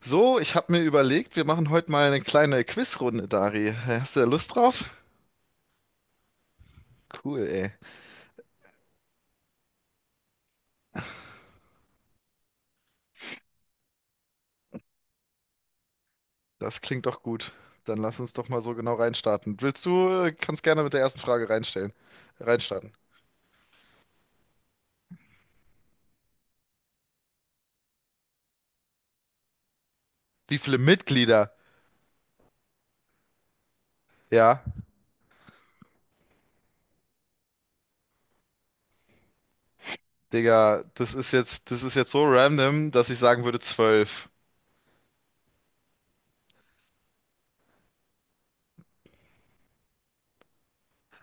So, ich habe mir überlegt, wir machen heute mal eine kleine Quizrunde, Dari. Hast du da Lust drauf? Cool, ey. Das klingt doch gut. Dann lass uns doch mal so genau reinstarten. Willst du, kannst gerne mit der ersten Frage reinstellen, reinstarten. Wie viele Mitglieder? Ja, Digga, das ist jetzt so random, dass ich sagen würde zwölf.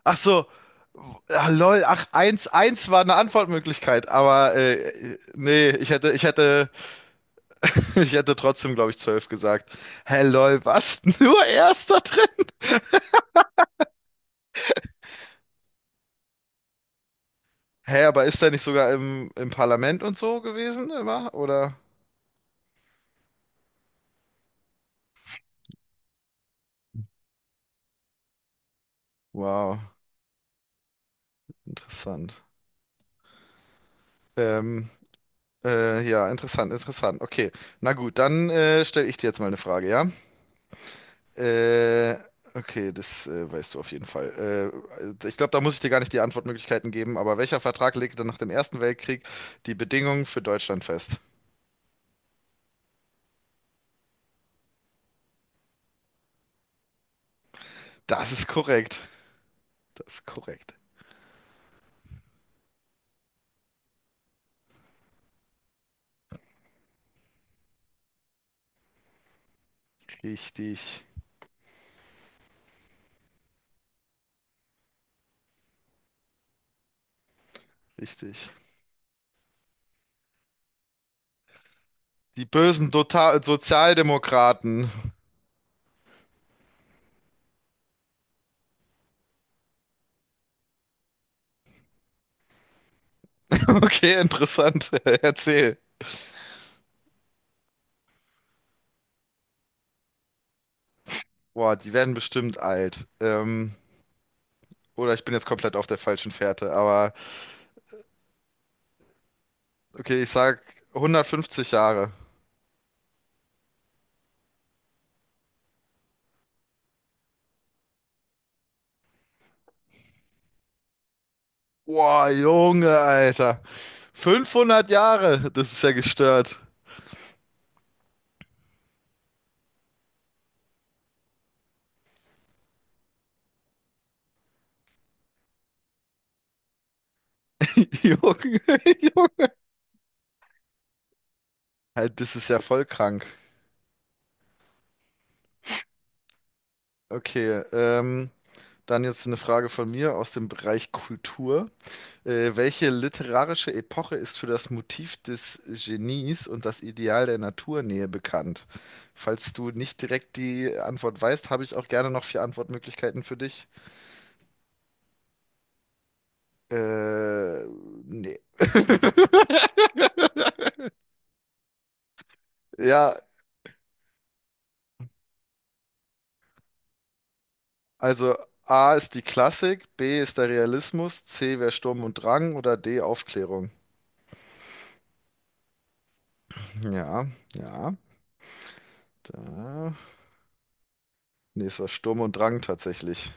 Ach so, ah, lol, ach, eins, eins war eine Antwortmöglichkeit, aber nee, ich hätte Ich hätte trotzdem, glaube ich, 12 gesagt. Hä, lol, was? Nur Erster drin? Hä, aber ist er nicht sogar im Parlament und so gewesen immer? Oder? Wow, interessant. Ähm, ja, interessant, interessant. Okay, na gut, dann stelle ich dir jetzt mal eine Frage, ja? Äh, okay, das weißt du auf jeden Fall. Ich glaube, da muss ich dir gar nicht die Antwortmöglichkeiten geben, aber welcher Vertrag legte nach dem Ersten Weltkrieg die Bedingungen für Deutschland fest? Das ist korrekt. Das ist korrekt. Richtig. Richtig. Die bösen Total Sozialdemokraten. Okay, interessant. Erzähl. Boah, die werden bestimmt alt. Oder ich bin jetzt komplett auf der falschen Fährte. Aber okay, ich sag 150 Jahre. Boah, Junge, Alter. 500 Jahre. Das ist ja gestört. Junge, Junge. Halt, das ist ja voll krank. Okay, dann jetzt eine Frage von mir aus dem Bereich Kultur. Welche literarische Epoche ist für das Motiv des Genies und das Ideal der Naturnähe bekannt? Falls du nicht direkt die Antwort weißt, habe ich auch gerne noch vier Antwortmöglichkeiten für dich. Äh, nee. Ja, also A ist die Klassik, B ist der Realismus, C wäre Sturm und Drang oder D Aufklärung. Ja, ja, da. Nee, es war Sturm und Drang tatsächlich.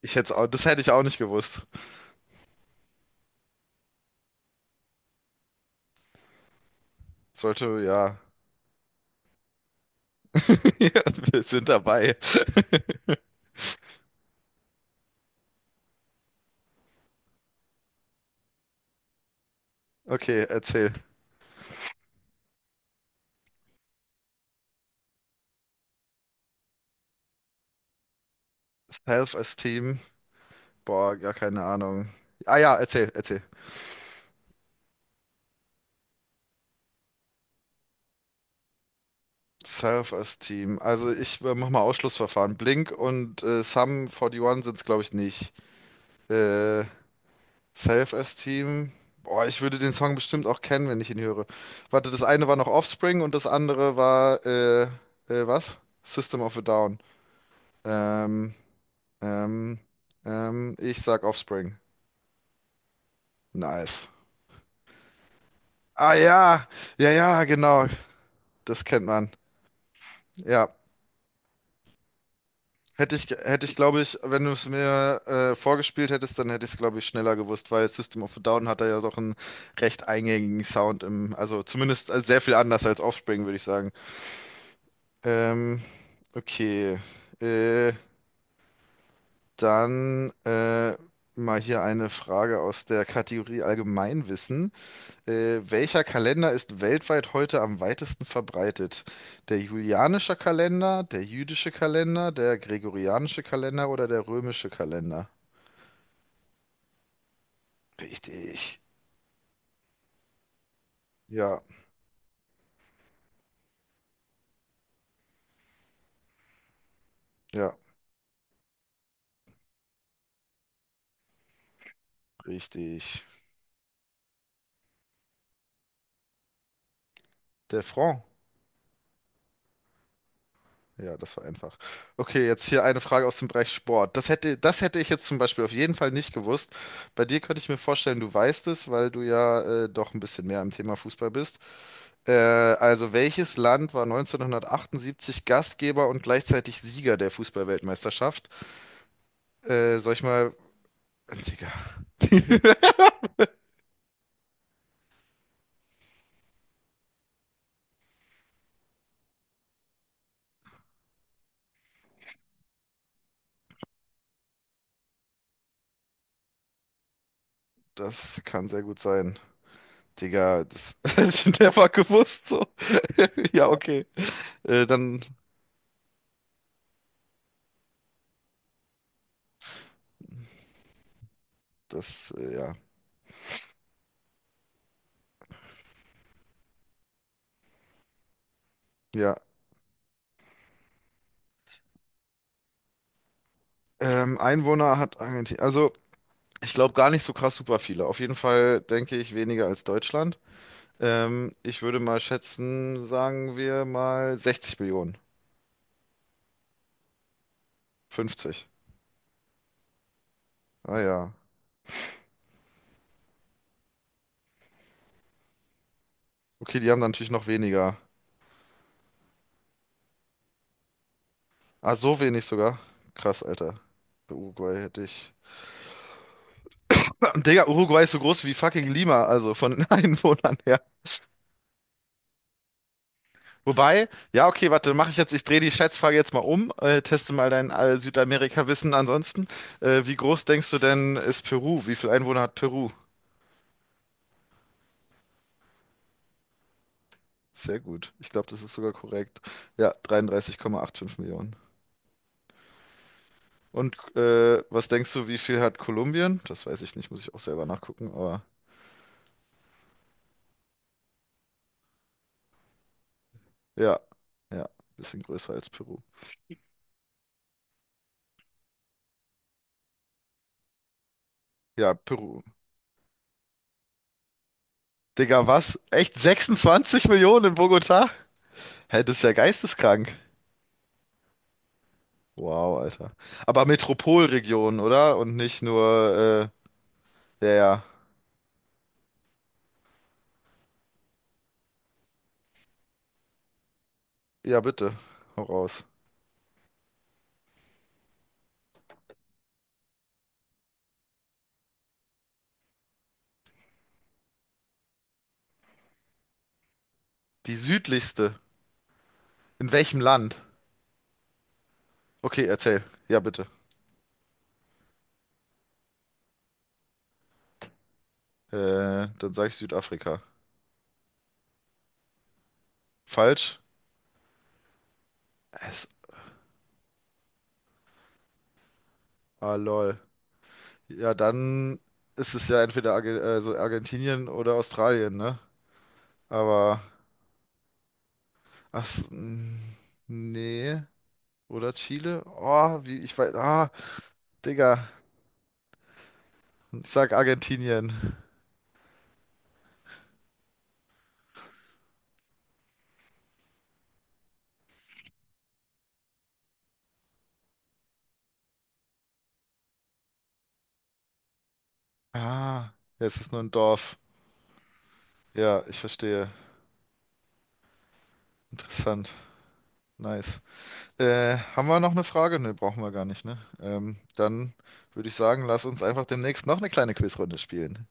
Ich hätte auch, das hätte ich auch nicht gewusst. Sollte, ja. Ja, wir sind dabei. Okay, erzähl. Self-Esteem. Boah, gar keine Ahnung. Ah ja, erzähl, erzähl. Self-Esteem. Also ich mach mal Ausschlussverfahren. Blink und Sum 41 sind's, glaube ich, nicht. Äh, Self-Esteem. Boah, ich würde den Song bestimmt auch kennen, wenn ich ihn höre. Warte, das eine war noch Offspring und das andere war, was? System of a Down. Ähm, ähm, ich sag Offspring. Nice. Ah ja, ja, ja, genau. Das kennt man. Ja, hätte ich, glaube ich, wenn du es mir vorgespielt hättest, dann hätte ich es, glaube ich, schneller gewusst, weil System of a Down hat da ja doch einen recht eingängigen Sound im, also zumindest sehr viel anders als Offspring, würde ich sagen. Ähm, okay. Äh, dann mal hier eine Frage aus der Kategorie Allgemeinwissen. Welcher Kalender ist weltweit heute am weitesten verbreitet? Der julianische Kalender, der jüdische Kalender, der gregorianische Kalender oder der römische Kalender? Richtig. Ja, ja, richtig. Der Franc. Ja, das war einfach. Okay, jetzt hier eine Frage aus dem Bereich Sport. Das hätte ich jetzt zum Beispiel auf jeden Fall nicht gewusst. Bei dir könnte ich mir vorstellen, du weißt es, weil du ja doch ein bisschen mehr im Thema Fußball bist. Also welches Land war 1978 Gastgeber und gleichzeitig Sieger der Fußballweltmeisterschaft? Soll ich mal... Digga. Das kann sehr gut sein. Digga, das hätte ich never gewusst so. Ja, okay. Dann das, ja. Ja. Einwohner hat Argentinien. Also, ich glaube gar nicht so krass super viele. Auf jeden Fall denke ich weniger als Deutschland. Ich würde mal schätzen, sagen wir mal 60 Millionen. 50. Ah ja. Okay, die haben dann natürlich noch weniger. Ah, so wenig sogar. Krass, Alter. Bei Uruguay hätte ich. Digga, Uruguay ist so groß wie fucking Lima, also von den Einwohnern her. Wobei, ja, okay, warte, mache ich jetzt, ich drehe die Schätzfrage jetzt mal um, teste mal dein Südamerika-Wissen ansonsten. Wie groß denkst du denn ist Peru? Wie viele Einwohner hat Peru? Sehr gut. Ich glaube, das ist sogar korrekt. Ja, 33,85 Millionen. Und was denkst du, wie viel hat Kolumbien? Das weiß ich nicht, muss ich auch selber nachgucken, aber. Ja, ja, bisschen größer als Peru. Ja, Peru. Digga, was? Echt 26 Millionen in Bogotá? Hä, das ist ja geisteskrank. Wow, Alter. Aber Metropolregion, oder? Und nicht nur, ja, ja. Ja, bitte. Hau raus. Die südlichste. In welchem Land? Okay, erzähl. Ja, bitte. Dann sage ich Südafrika. Falsch? Es, ah, lol. Ja, dann ist es ja entweder Arge also Argentinien oder Australien, ne? Aber ach, so, mm, nee. Oder Chile? Oh, wie, ich weiß. Ah, Digga. Ich sag Argentinien. Ah, ja, es ist nur ein Dorf. Ja, ich verstehe. Interessant. Nice. Haben wir noch eine Frage? Ne, brauchen wir gar nicht, ne? Dann würde ich sagen, lass uns einfach demnächst noch eine kleine Quizrunde spielen.